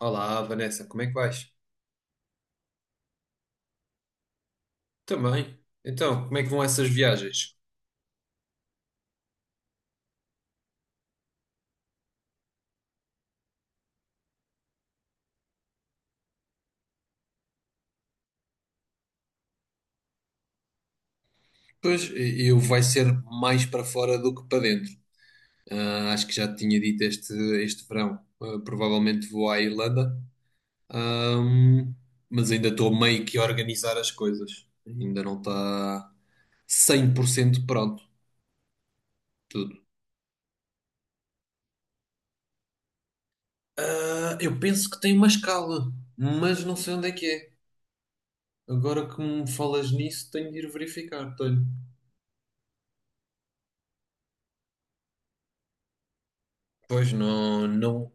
Olá, Vanessa, como é que vais? Também. Então, como é que vão essas viagens? Pois, eu vai ser mais para fora do que para dentro. Ah, acho que já te tinha dito este verão. Ah, provavelmente vou à Irlanda, Ahm, mas ainda estou meio que a organizar as coisas. Ainda não está 100% pronto tudo. Ah, eu penso que tem uma escala, mas não sei onde é que é. Agora que me falas nisso, tenho de ir verificar. Tenho. Pois não, não.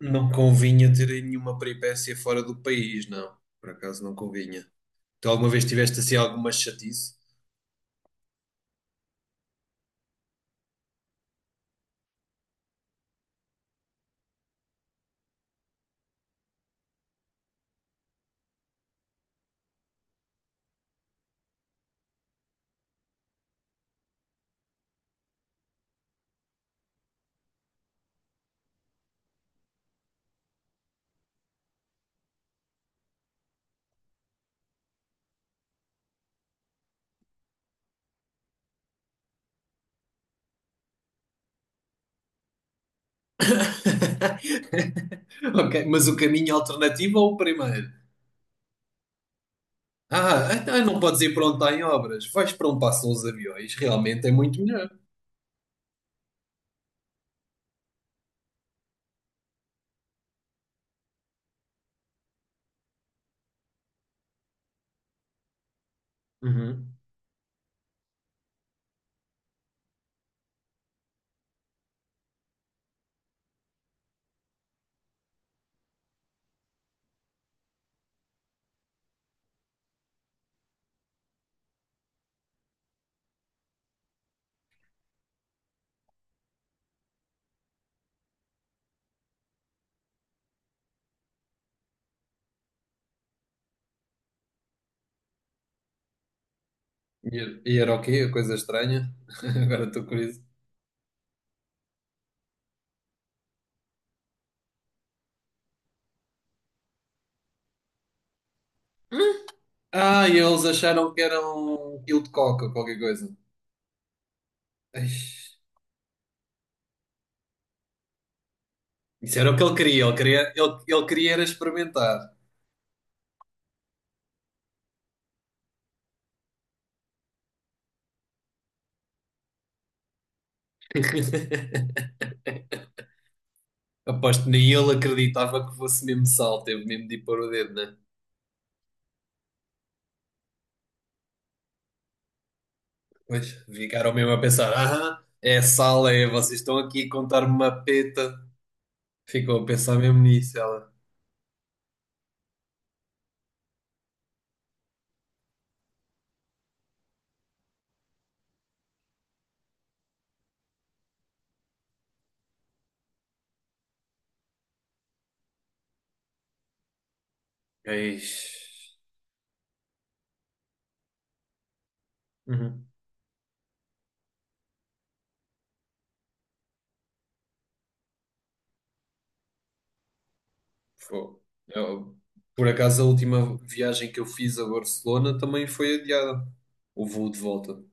Não convinha ter nenhuma peripécia fora do país, não. Por acaso não convinha. Tu alguma vez tiveste assim alguma chatice? Ok, mas o caminho alternativo ou o primeiro? Ah, então não podes ir para onde está em obras. Vais para onde passam os aviões. Realmente é muito melhor. Uhum. E era o quê? A coisa estranha? Agora estou curioso. Ah, e eles acharam que era um quilo de coca ou qualquer coisa. Ai, isso era o que ele queria. Ele queria era experimentar. Aposto que nem ele acreditava que fosse mesmo sal, teve mesmo de ir pôr o dedo, né? Pois ficaram mesmo a pensar: ah, é sal, é, vocês estão aqui a contar-me uma peta. Ficou a pensar mesmo nisso, ela. Eis. Uhum. Fogo. Eu- por acaso, a última viagem que eu fiz a Barcelona também foi adiada, o voo de volta.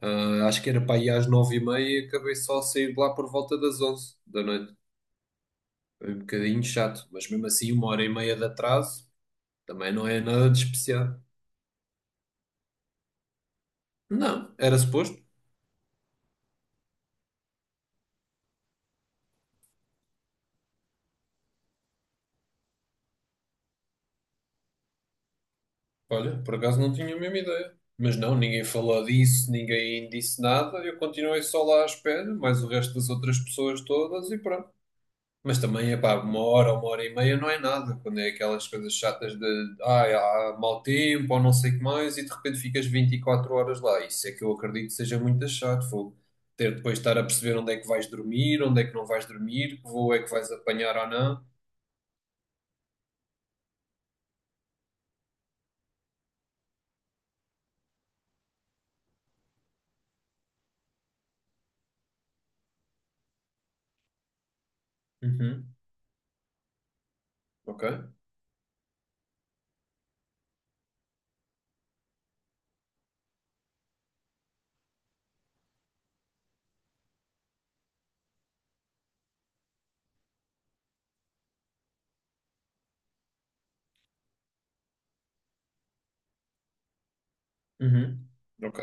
Ah, acho que era para ir às 9h30 e acabei só a sair de lá por volta das 11 da noite. Foi um bocadinho chato, mas mesmo assim, uma hora e meia de atraso. Também não é nada de especial. Não, era suposto. Olha, por acaso não tinha a mesma ideia. Mas não, ninguém falou disso, ninguém disse nada. Eu continuei só lá à espera, mais o resto das outras pessoas todas e pronto. Mas também, epá, uma hora e meia não é nada. Quando é aquelas coisas chatas de ai, há mau tempo ou não sei o que mais e de repente ficas 24 horas lá. Isso é que eu acredito que seja muito chato. Vou ter depois de estar a perceber onde é que vais dormir, onde é que não vais dormir, que voo é que vais apanhar ou não. Uhum. Ok. Uhum. Ok.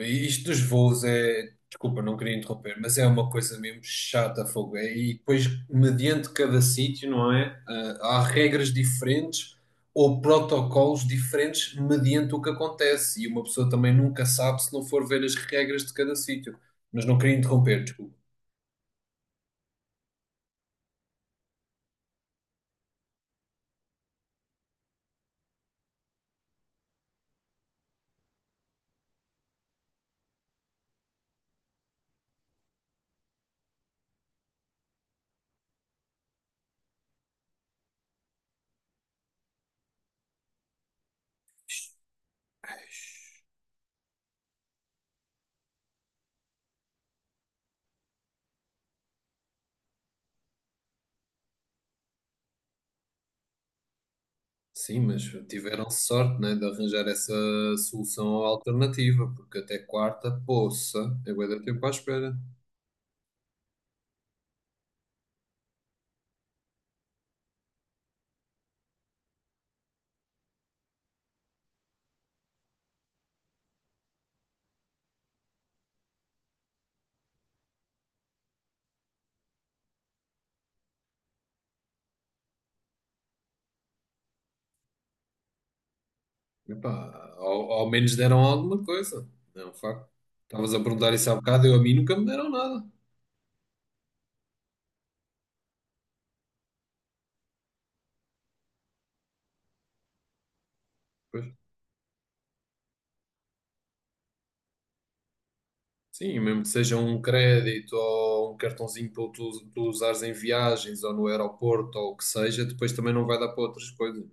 E isto dos voos é, desculpa, não queria interromper, mas é uma coisa mesmo chata, fogo. É, e depois, mediante cada sítio, não é? Ah, há regras diferentes ou protocolos diferentes mediante o que acontece. E uma pessoa também nunca sabe se não for ver as regras de cada sítio. Mas não queria interromper, desculpa. Sim, mas tiveram sorte, né, de arranjar essa solução alternativa, porque até quarta, poça, é bué de tempo à espera. Epá, ao menos deram alguma coisa. É um facto. Estavas a perguntar isso há bocado, eu a mim nunca me deram nada. Pois. Sim, mesmo que seja um crédito ou um cartãozinho para tu, tu usares em viagens ou no aeroporto ou o que seja, depois também não vai dar para outras coisas.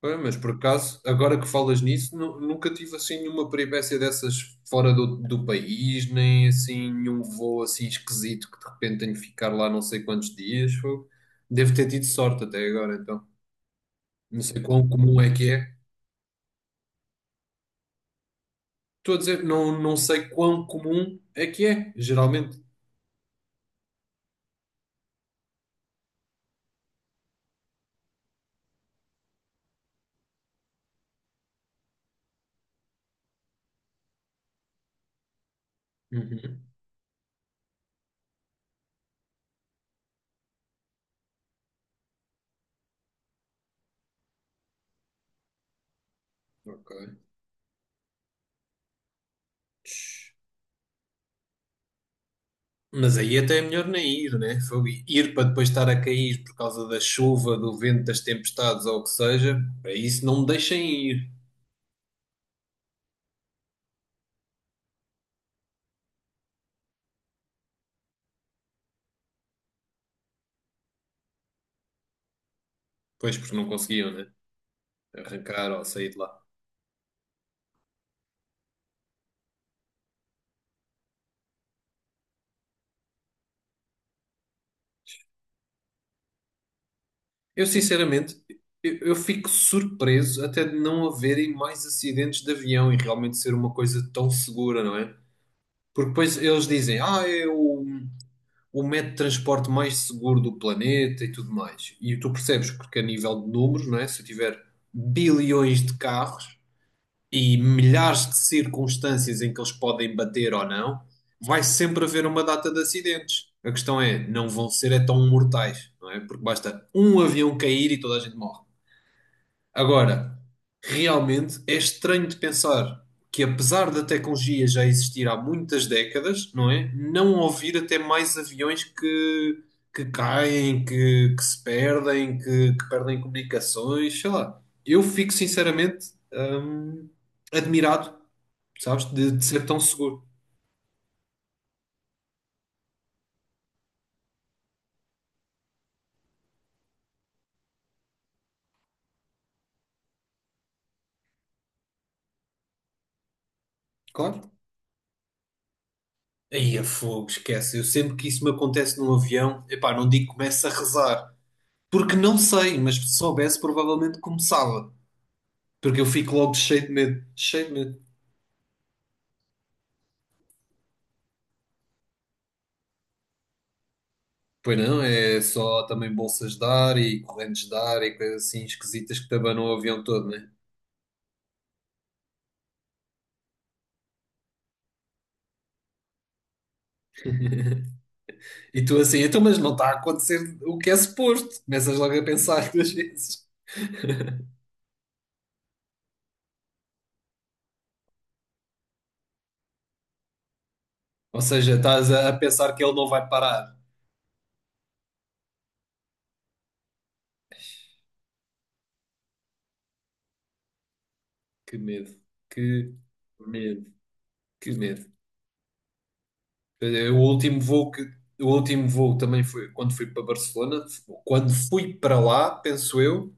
Pois, mas por acaso, agora que falas nisso, nunca tive assim nenhuma peripécia dessas fora do país, nem assim nenhum voo assim esquisito que de repente tenho que ficar lá não sei quantos dias. Devo ter tido sorte até agora, então, não sei quão comum é que é. Estou a dizer, não, não sei quão comum é que é, geralmente. Uhum. Ok. Mas aí até é melhor nem ir, né? Fogo. Ir para depois estar a cair por causa da chuva, do vento, das tempestades ou o que seja, para isso não me deixem ir. Pois, porque não conseguiam, né? Arrancar ou sair de lá. Eu, sinceramente, eu fico surpreso até de não haverem mais acidentes de avião e realmente ser uma coisa tão segura, não é? Porque depois eles dizem, ah, é o método de transporte mais seguro do planeta e tudo mais. E tu percebes, porque a nível de números, não é? Se eu tiver bilhões de carros e milhares de circunstâncias em que eles podem bater ou não, vai sempre haver uma data de acidentes. A questão é, não vão ser é tão mortais, não é? Porque basta um avião cair e toda a gente morre. Agora, realmente é estranho de pensar que, apesar da tecnologia já existir há muitas décadas, não é? Não ouvir até mais aviões que, que se perdem, que perdem comunicações, sei lá. Eu fico sinceramente hum, admirado, sabes, de ser tão seguro. Claro. Aí a fogo, esquece. Eu sempre que isso me acontece num avião, epá, não digo que começo a rezar, porque não sei, mas se soubesse, provavelmente começava. Porque eu fico logo cheio de medo, cheio de medo. Pois não, é só também bolsas de ar e correntes de ar e coisas assim esquisitas que te abanam o avião todo, né? E tu assim, então, mas não está a acontecer o que é suposto. Começas logo a pensar duas vezes. Ou seja, estás a pensar que ele não vai parar. Que medo, que medo, que medo. Eh, O último voo que, o último voo também foi quando fui para Barcelona. Quando fui para lá, penso eu.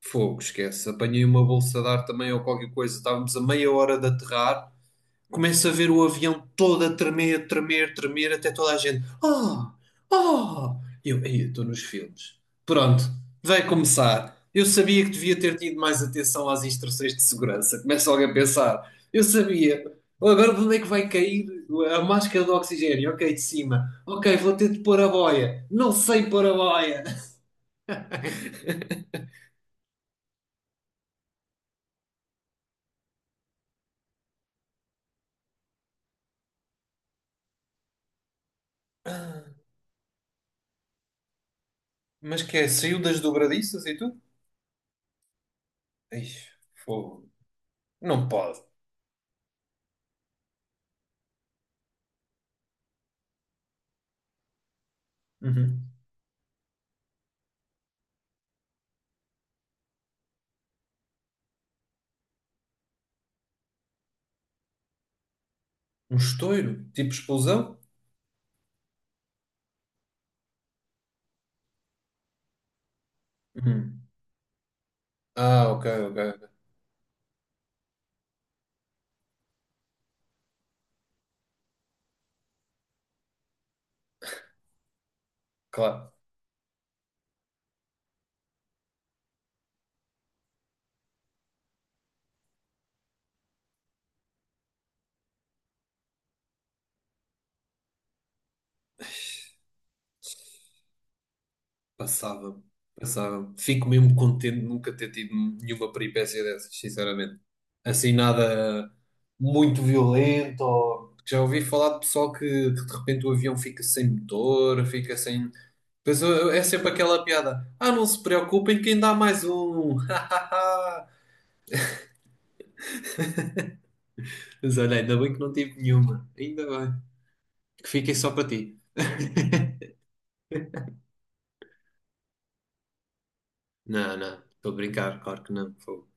Fogo, esquece. Apanhei uma bolsa de ar também ou qualquer coisa. Estávamos a meia hora de aterrar. Começo a ver o avião todo a tremer, tremer, tremer, até toda a gente. Ah! Ah! Eu, "Ei, eu estou nos filmes. Pronto, vai começar. Eu sabia que devia ter tido mais atenção às instruções de segurança. Começa alguém a pensar. Eu sabia. Agora de onde é que vai cair a máscara de oxigênio? Ok, de cima. Ok, vou ter de pôr a boia. Não sei pôr a boia. Mas que é? Saiu das dobradiças e tudo? Ixi, fogo. Não pode. Uhum. Um estouro? Tipo explosão? Uhum. Ah, ok, ok. Ok. Claro. Passava-me. Passava-me. Fico mesmo contente de nunca ter tido nenhuma peripécia dessas, sinceramente. Assim, nada muito violento. Ou... Já ouvi falar de pessoal que de repente o avião fica sem motor, fica sem. Pois é sempre aquela piada. Ah, não se preocupem, que ainda há mais um. Mas olha, ainda bem que não tive nenhuma. Ainda bem. Que fiquem só para ti. Não, não. Estou a brincar, claro que não. Fogo.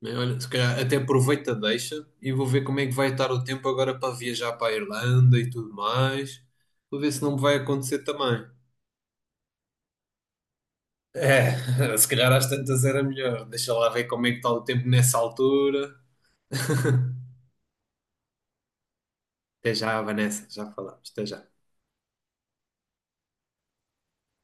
Bem, olha, se calhar até aproveito a deixa e vou ver como é que vai estar o tempo agora para viajar para a Irlanda e tudo mais. Vou ver se não me vai acontecer também. É, se calhar às tantas era melhor. Deixa lá ver como é que está o tempo nessa altura. Até já, Vanessa, já falamos. Até já.